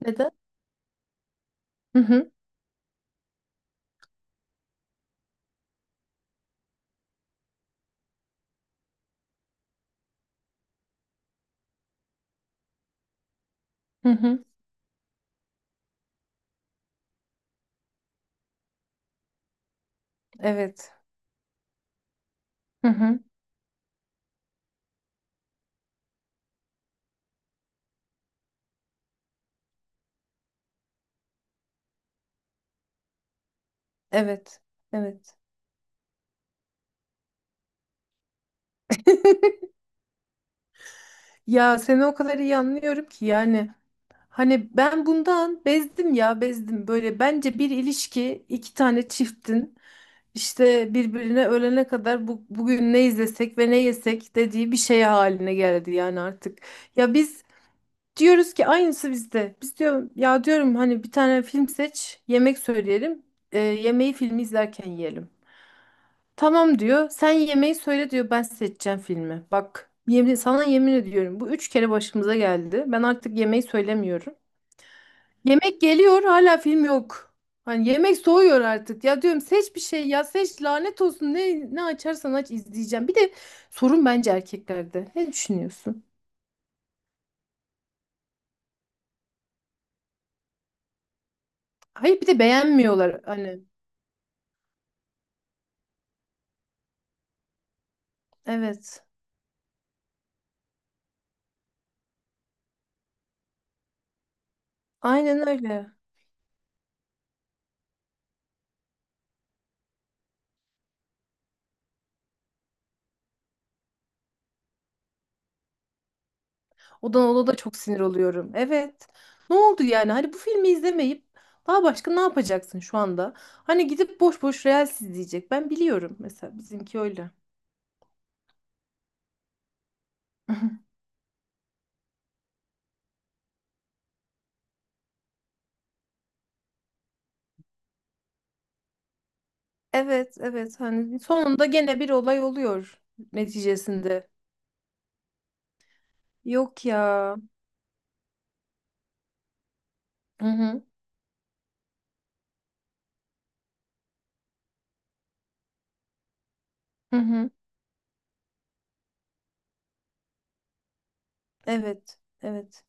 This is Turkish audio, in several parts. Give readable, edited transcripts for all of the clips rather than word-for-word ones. Neden? Hı hı. Hı hı. Evet. Hı hı. Evet. Evet. Ya seni o kadar iyi anlıyorum ki yani hani ben bundan bezdim ya bezdim böyle bence bir ilişki iki tane çiftin işte birbirine ölene kadar bugün ne izlesek ve ne yesek dediği bir şey haline geldi yani artık. Ya biz diyoruz ki aynısı bizde. Biz diyorum ya diyorum hani bir tane film seç yemek söyleyelim yemeği filmi izlerken yiyelim. Tamam diyor. Sen yemeği söyle diyor. Ben seçeceğim filmi. Bak sana yemin ediyorum. Bu üç kere başımıza geldi. Ben artık yemeği söylemiyorum. Yemek geliyor hala film yok. Hani yemek soğuyor artık. Ya diyorum seç bir şey ya seç lanet olsun. Ne açarsan aç izleyeceğim. Bir de sorun bence erkeklerde. Ne düşünüyorsun? Hayır bir de beğenmiyorlar hani. Evet. Aynen öyle. Oda da çok sinir oluyorum. Evet. Ne oldu yani? Hani bu filmi izlemeyip daha başka ne yapacaksın şu anda? Hani gidip boş boş Reels izleyecek. Ben biliyorum mesela bizimki öyle. Evet, evet. Hani sonunda gene bir olay oluyor neticesinde. Yok ya. Hı hı. Hı hı. Evet. Evet.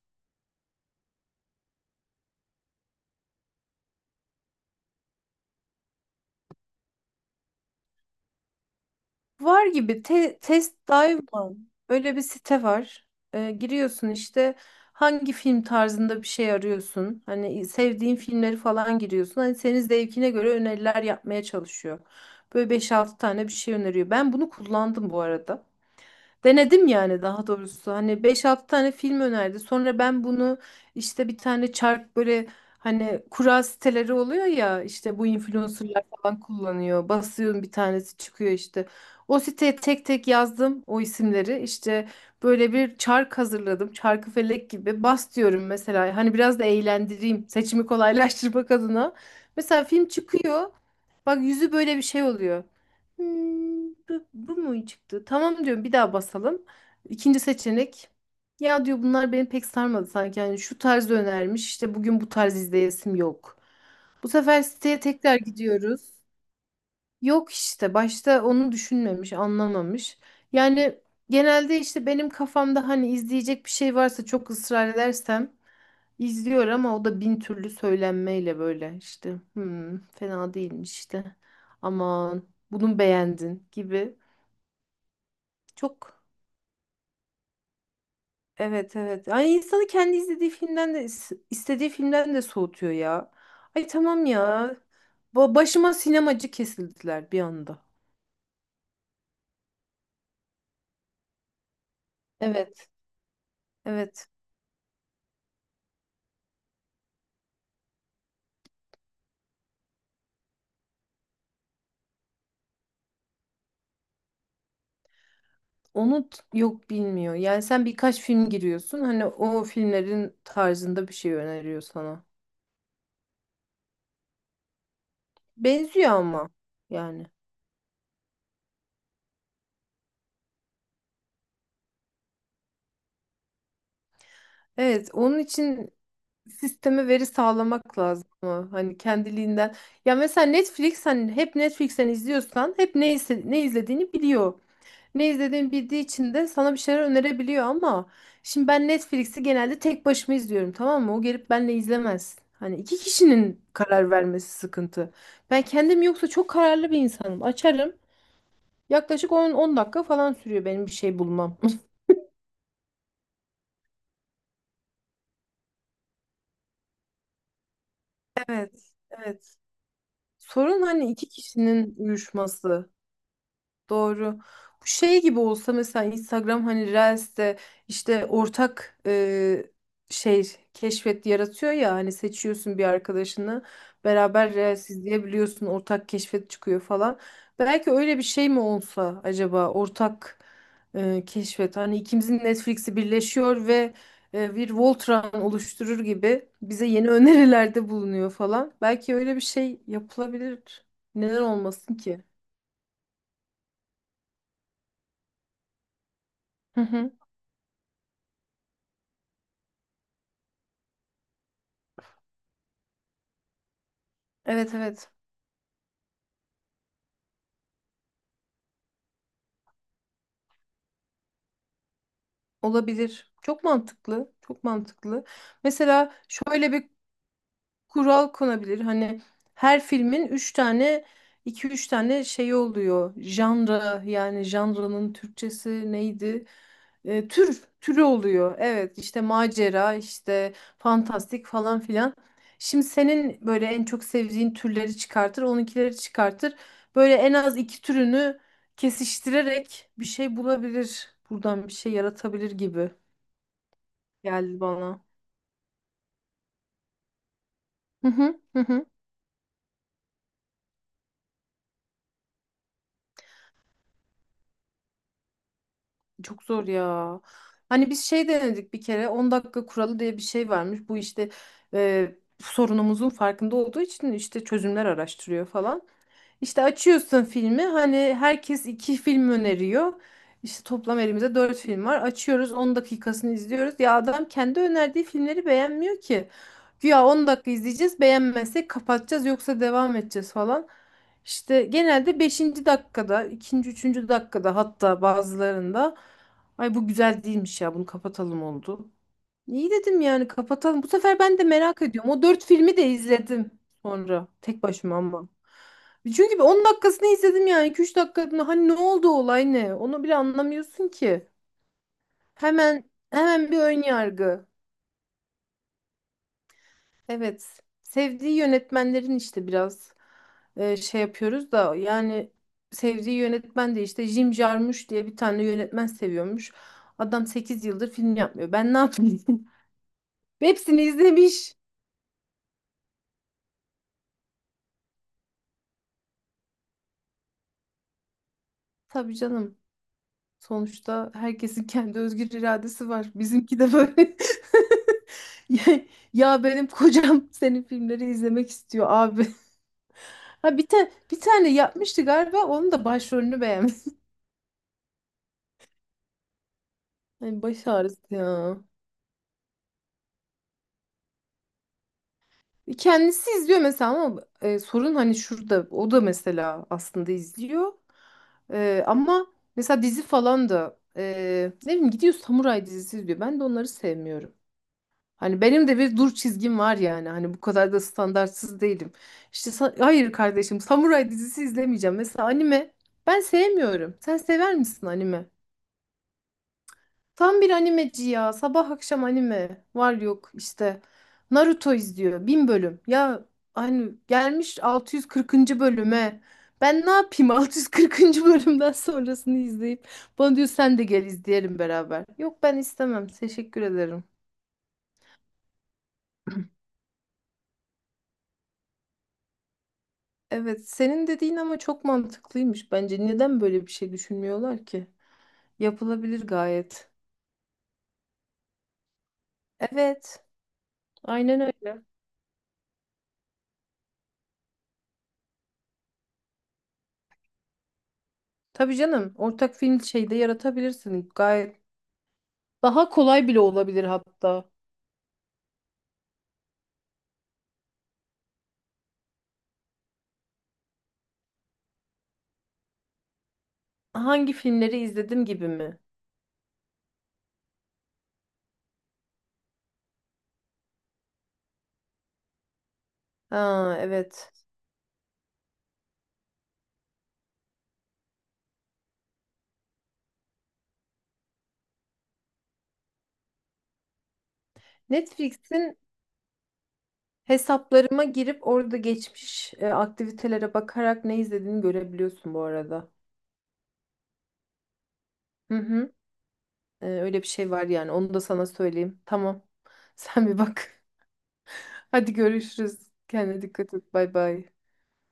Var gibi test dive mı? Öyle bir site var. Giriyorsun işte hangi film tarzında bir şey arıyorsun. Hani sevdiğin filmleri falan giriyorsun. Hani senin zevkine göre öneriler yapmaya çalışıyor. Böyle beş altı tane bir şey öneriyor. Ben bunu kullandım bu arada. Denedim yani daha doğrusu. Hani beş altı tane film önerdi. Sonra ben bunu işte bir tane çark böyle hani kura siteleri oluyor ya işte bu influencerlar falan kullanıyor. Basıyorum bir tanesi çıkıyor işte. O siteye tek tek yazdım o isimleri. İşte böyle bir çark hazırladım. Çarkı felek gibi bas diyorum mesela. Hani biraz da eğlendireyim. Seçimi kolaylaştırmak adına. Mesela film çıkıyor. Bak yüzü böyle bir şey oluyor. Hmm, bu mu çıktı? Tamam diyorum bir daha basalım. İkinci seçenek. Ya diyor bunlar beni pek sarmadı sanki. Yani şu tarz önermiş. İşte bugün bu tarz izleyesim yok. Bu sefer siteye tekrar gidiyoruz. Yok işte başta onu düşünmemiş, anlamamış. Yani genelde işte benim kafamda hani izleyecek bir şey varsa çok ısrar edersem izliyor ama o da bin türlü söylenmeyle böyle işte. Hmm, fena değilmiş işte. Aman bunu beğendin gibi. Çok evet, evet. Yani insanı kendi izlediği filmden de istediği filmden de soğutuyor ya. Ay tamam ya. Başıma sinemacı kesildiler bir anda. Evet. Evet. Yok bilmiyor. Yani sen birkaç film giriyorsun. Hani o filmlerin tarzında bir şey öneriyor sana. Benziyor ama yani. Evet, onun için sisteme veri sağlamak lazım, ama hani kendiliğinden. Ya mesela Netflix hani hep Netflix'ten izliyorsan hep ne izlediğini biliyor. Ne izlediğimi bildiği için de sana bir şeyler önerebiliyor ama şimdi ben Netflix'i genelde tek başıma izliyorum, tamam mı? O gelip benle izlemez. Hani iki kişinin karar vermesi sıkıntı. Ben kendim yoksa çok kararlı bir insanım. Açarım. Yaklaşık on dakika falan sürüyor benim bir şey bulmam. Evet, evet. Sorun hani iki kişinin uyuşması. Doğru. Bu şey gibi olsa mesela Instagram hani Reels'te işte ortak şey keşfet yaratıyor ya hani seçiyorsun bir arkadaşını beraber Reels izleyebiliyorsun ortak keşfet çıkıyor falan. Belki öyle bir şey mi olsa acaba ortak keşfet hani ikimizin Netflix'i birleşiyor ve bir Voltran oluşturur gibi bize yeni önerilerde bulunuyor falan. Belki öyle bir şey yapılabilir. Neden olmasın ki? Hı hı. Evet, evet. Olabilir. Çok mantıklı. Çok mantıklı. Mesela şöyle bir kural konabilir. Hani her filmin 3 tane iki üç tane şey oluyor. Janra yani janranın Türkçesi neydi? Tür türü oluyor. Evet işte macera işte fantastik falan filan. Şimdi senin böyle en çok sevdiğin türleri çıkartır, onunkileri çıkartır. Böyle en az iki türünü kesiştirerek bir şey bulabilir. Buradan bir şey yaratabilir gibi geldi bana. Hı hı hı hı. Çok zor ya. Hani biz şey denedik bir kere 10 dakika kuralı diye bir şey varmış. Bu işte e, sorunumuzun farkında olduğu için işte çözümler araştırıyor falan. İşte açıyorsun filmi hani herkes iki film öneriyor. İşte toplam elimizde dört film var. Açıyoruz 10 dakikasını izliyoruz. Ya adam kendi önerdiği filmleri beğenmiyor ki. Güya 10 dakika izleyeceğiz, beğenmezsek kapatacağız yoksa devam edeceğiz falan. İşte genelde beşinci dakikada, ikinci üçüncü dakikada, hatta bazılarında ay bu güzel değilmiş ya bunu kapatalım oldu. İyi dedim yani kapatalım. Bu sefer ben de merak ediyorum. O dört filmi de izledim sonra tek başıma ama. Çünkü bir 10 dakikasını izledim yani 2-3 dakikasını, hani ne oldu, olay ne? Onu bile anlamıyorsun ki. Hemen hemen bir ön yargı. Evet. Sevdiği yönetmenlerin işte biraz şey yapıyoruz da yani sevdiği yönetmen de işte Jim Jarmusch diye bir tane yönetmen seviyormuş. Adam 8 yıldır film yapmıyor. Ben ne yapayım? Hepsini izlemiş. Tabii canım. Sonuçta herkesin kendi özgür iradesi var. Bizimki de böyle. Ya ya benim kocam senin filmleri izlemek istiyor abi. Ha bir tane yapmıştı galiba. Onun da başrolünü beğenmiş. Hani baş ağrısı ya. Kendisi izliyor mesela ama sorun hani şurada. O da mesela aslında izliyor. Ama mesela dizi falan da ne bileyim gidiyor samuray dizisi izliyor. Ben de onları sevmiyorum. Hani benim de bir dur çizgim var yani. Hani bu kadar da standartsız değilim. İşte hayır kardeşim, samuray dizisi izlemeyeceğim. Mesela anime ben sevmiyorum. Sen sever misin anime? Tam bir animeci ya. Sabah akşam anime. Var yok işte. Naruto izliyor. Bin bölüm. Ya hani gelmiş 640. bölüme. Ben ne yapayım 640. bölümden sonrasını izleyip. Bana diyor sen de gel izleyelim beraber. Yok ben istemem. Teşekkür ederim. Evet, senin dediğin ama çok mantıklıymış bence. Neden böyle bir şey düşünmüyorlar ki? Yapılabilir gayet. Evet, aynen öyle. Tabii canım, ortak film şeyde yaratabilirsin gayet. Daha kolay bile olabilir hatta. Hangi filmleri izledim gibi mi? Ha, evet. Netflix'in hesaplarıma girip orada geçmiş aktivitelere bakarak ne izlediğini görebiliyorsun bu arada. Hı hı. Öyle bir şey var yani. Onu da sana söyleyeyim. Tamam. Sen bir bak. Hadi görüşürüz. Kendine dikkat et. Bay bay.